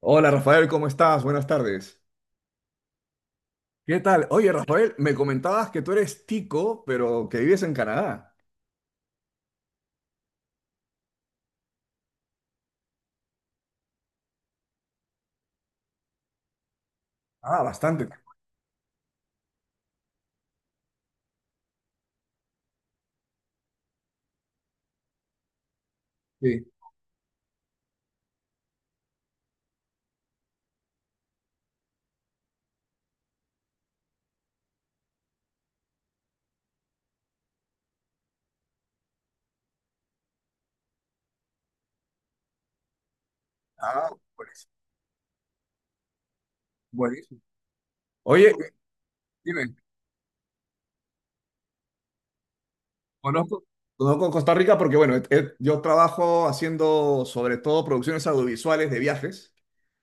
Hola Rafael, ¿cómo estás? Buenas tardes. ¿Qué tal? Oye, Rafael, me comentabas que tú eres tico. Pero que vives en Canadá. Ah, bastante. Sí. Ah, buenísimo. Buenísimo. Oye, dime, conozco. Conozco Costa Rica porque, bueno, yo trabajo haciendo sobre todo producciones audiovisuales de viajes.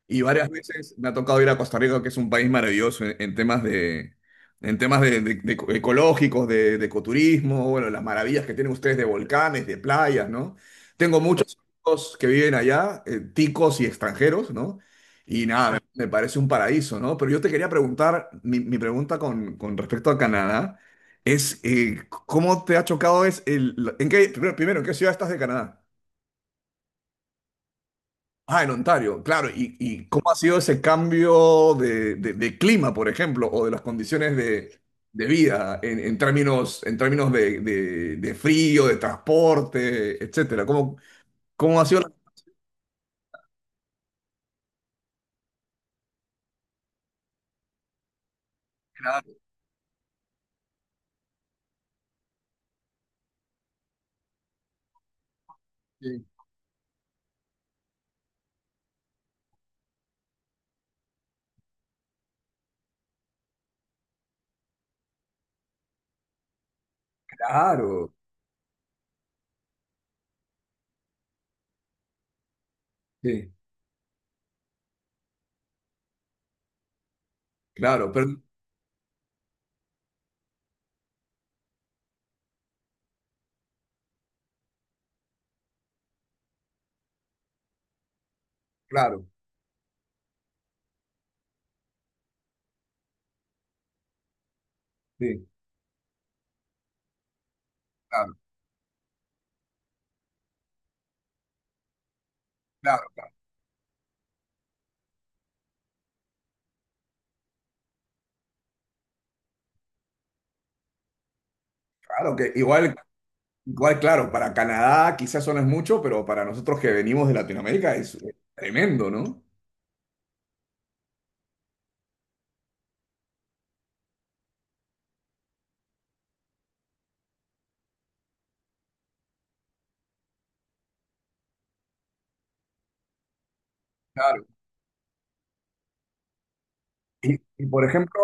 Y varias veces me ha tocado ir a Costa Rica, que es un país maravilloso en temas de, en temas de, de ecológicos, de ecoturismo, bueno, las maravillas que tienen ustedes de volcanes, de playas, ¿no? Tengo muchos amigos que viven allá, ticos y extranjeros, ¿no? Y nada, me parece un paraíso, ¿no? Pero yo te quería preguntar, mi pregunta con respecto a Canadá es, ¿cómo te ha chocado es el, en qué, primero, ¿en qué ciudad estás de Canadá? Ah, en Ontario, claro. Y cómo ha sido ese cambio de, de clima, por ejemplo, o de las condiciones de vida en términos de, de frío, de transporte, etcétera? ¿Cómo, cómo ha sido la... Claro, sí, claro, sí, claro, pero, claro, sí, claro, claro, claro, que igual, igual, claro, para Canadá quizás eso no es mucho, pero para nosotros que venimos de Latinoamérica es tremendo, ¿no? Claro. Y, por ejemplo,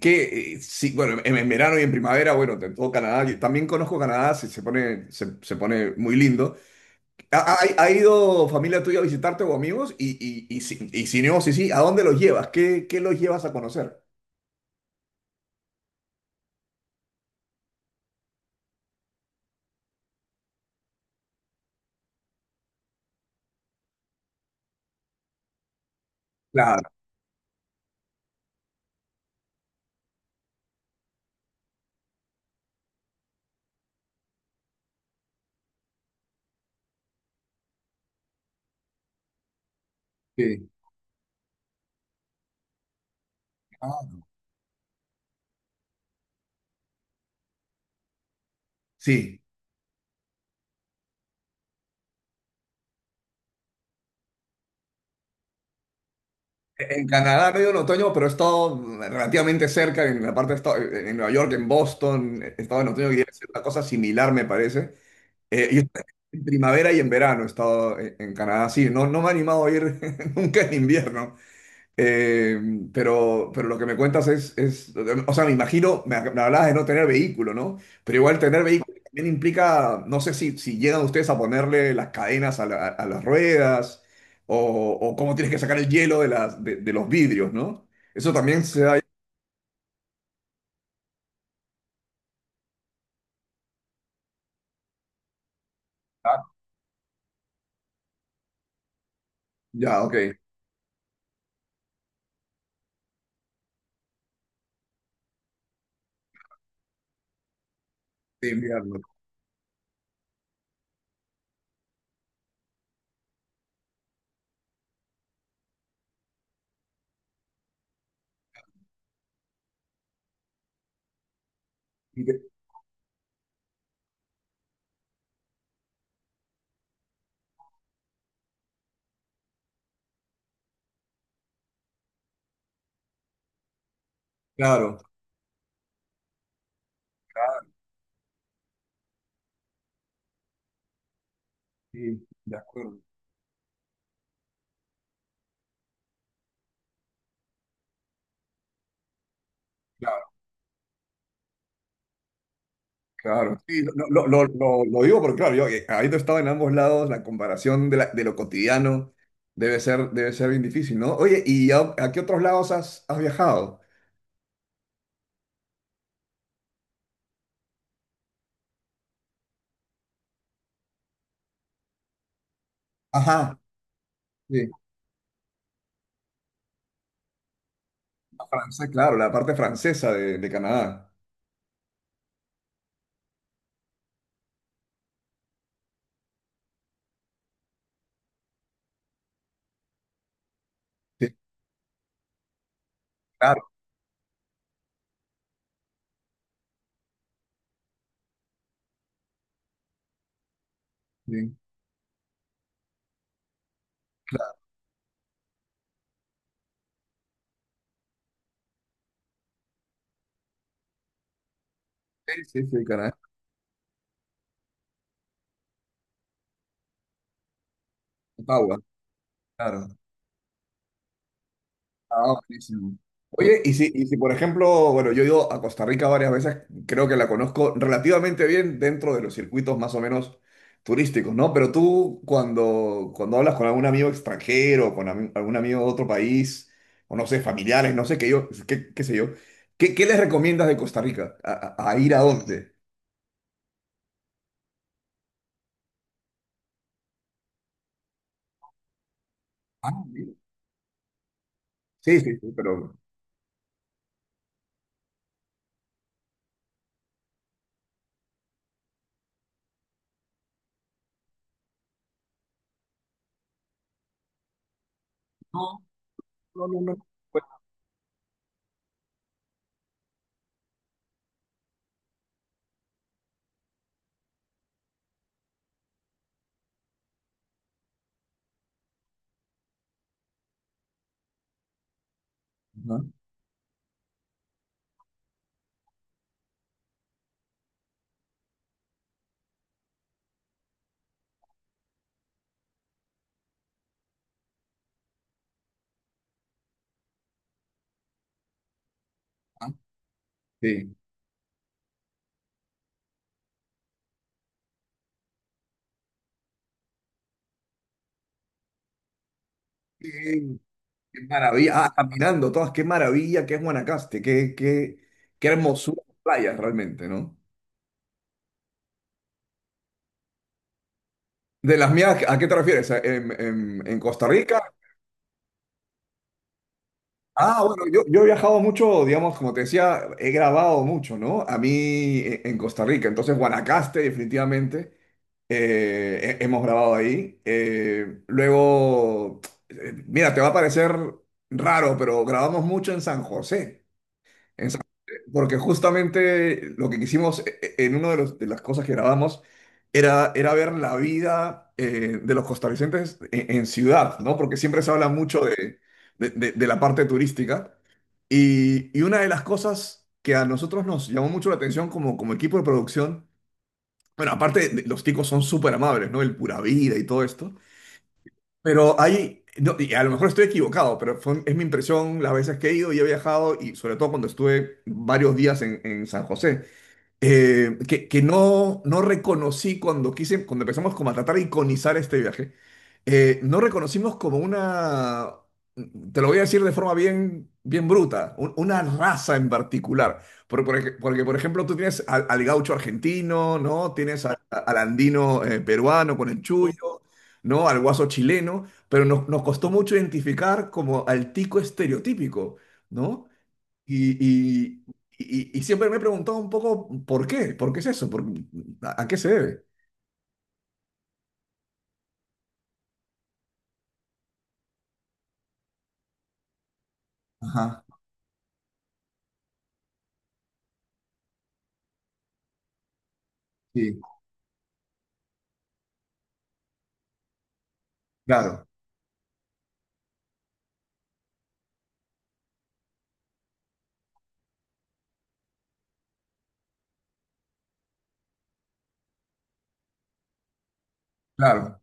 que sí, bueno, en verano y en primavera, bueno, en todo Canadá, yo también conozco Canadá, se pone, se pone muy lindo. ¿Ha, ha ido familia tuya a visitarte o amigos? Y si no, sí, sí, ¿a dónde los llevas? ¿Qué, qué los llevas a conocer? Claro, sí. Ah, sí. En Canadá medio en otoño, pero he estado relativamente cerca, en la parte de en Nueva York, en Boston, he estado en otoño y es una cosa similar, me parece. Yo en primavera y en verano he estado en Canadá, sí, no, no me he animado a ir nunca en invierno. Eh, pero lo que me cuentas es, o sea, me imagino, me hablabas de no tener vehículo, ¿no? Pero igual tener vehículo también implica, no sé si, si llegan ustedes a ponerle las cadenas a, a las ruedas o cómo tienes que sacar el hielo de, las, de los vidrios, ¿no? Eso también se da... Ah, ya, ok, sí, invierno. Y que- Claro, claro, sí, de acuerdo. Claro, sí, no, no, lo, digo porque, claro, yo habiendo estado en ambos lados, la comparación de, de lo cotidiano debe ser bien difícil, ¿no? Oye, ¿y a qué otros lados has, has viajado? Ajá, sí, a Francia, claro, la parte francesa de Canadá. Sí, claro, sí, sí, sí, sí, Canadá, Ottawa, claro. Ah, buenísimo. Oye, y si por ejemplo, bueno, yo he ido a Costa Rica varias veces, creo que la conozco relativamente bien dentro de los circuitos más o menos turísticos, ¿no? Pero tú cuando, cuando hablas con algún amigo extranjero, con algún amigo de otro país, o no sé, familiares, no sé qué yo, qué, qué sé yo, ¿qué, qué les recomiendas de Costa Rica? ¿A, a ir a dónde? Ah, mira. Sí, sí, sí, pero... No, no, no, no. Ajá. Ah, sí. Qué maravilla. Ah, caminando todas, qué maravilla que es Guanacaste, qué, qué, qué hermosura de playas realmente, ¿no? De las mías, ¿a qué te refieres? ¿En, en Costa Rica? Ah, bueno, yo he viajado mucho, digamos, como te decía, he grabado mucho, ¿no? A mí en Costa Rica, entonces Guanacaste definitivamente, hemos grabado ahí. Luego, mira, te va a parecer raro, pero grabamos mucho en San José. Exacto, porque justamente lo que quisimos en una de, de las cosas que grabamos era, era ver la vida de los costarricenses en ciudad, ¿no? Porque siempre se habla mucho de, de la parte turística. Y una de las cosas que a nosotros nos llamó mucho la atención como, como equipo de producción, bueno, los ticos son súper amables, ¿no? El pura vida y todo esto. Pero hay, no, y a lo mejor estoy equivocado, pero es mi impresión las veces que he ido y he viajado, y sobre todo cuando estuve varios días en San José que no, no reconocí cuando quise, cuando empezamos como a tratar de iconizar este viaje, no reconocimos como una, te lo voy a decir de forma bien, bien bruta, una raza en particular. Porque, por ejemplo, tú tienes al, al gaucho argentino, ¿no? Tienes a- al andino peruano con el chullo, ¿no? Al guaso chileno, pero nos, nos costó mucho identificar como al tico estereotípico, ¿no? Y, y, y siempre me he preguntado un poco por qué es eso, a qué se debe. Ajá, sí, claro, claro,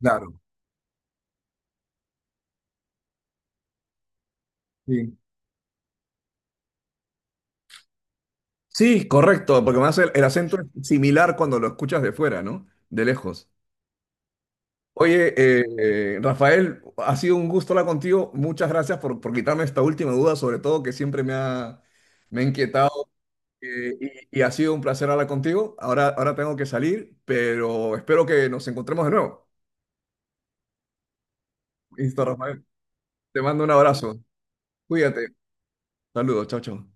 claro, sí. Sí, correcto, porque más el acento es similar cuando lo escuchas de fuera, ¿no? De lejos. Oye, eh, Rafael, ha sido un gusto hablar contigo. Muchas gracias por quitarme esta última duda, sobre todo que siempre me ha inquietado y ha sido un placer hablar contigo. Ahora, ahora tengo que salir, pero espero que nos encontremos de nuevo. Listo, Rafael. Te mando un abrazo. Cuídate. Saludos. Chao, chao.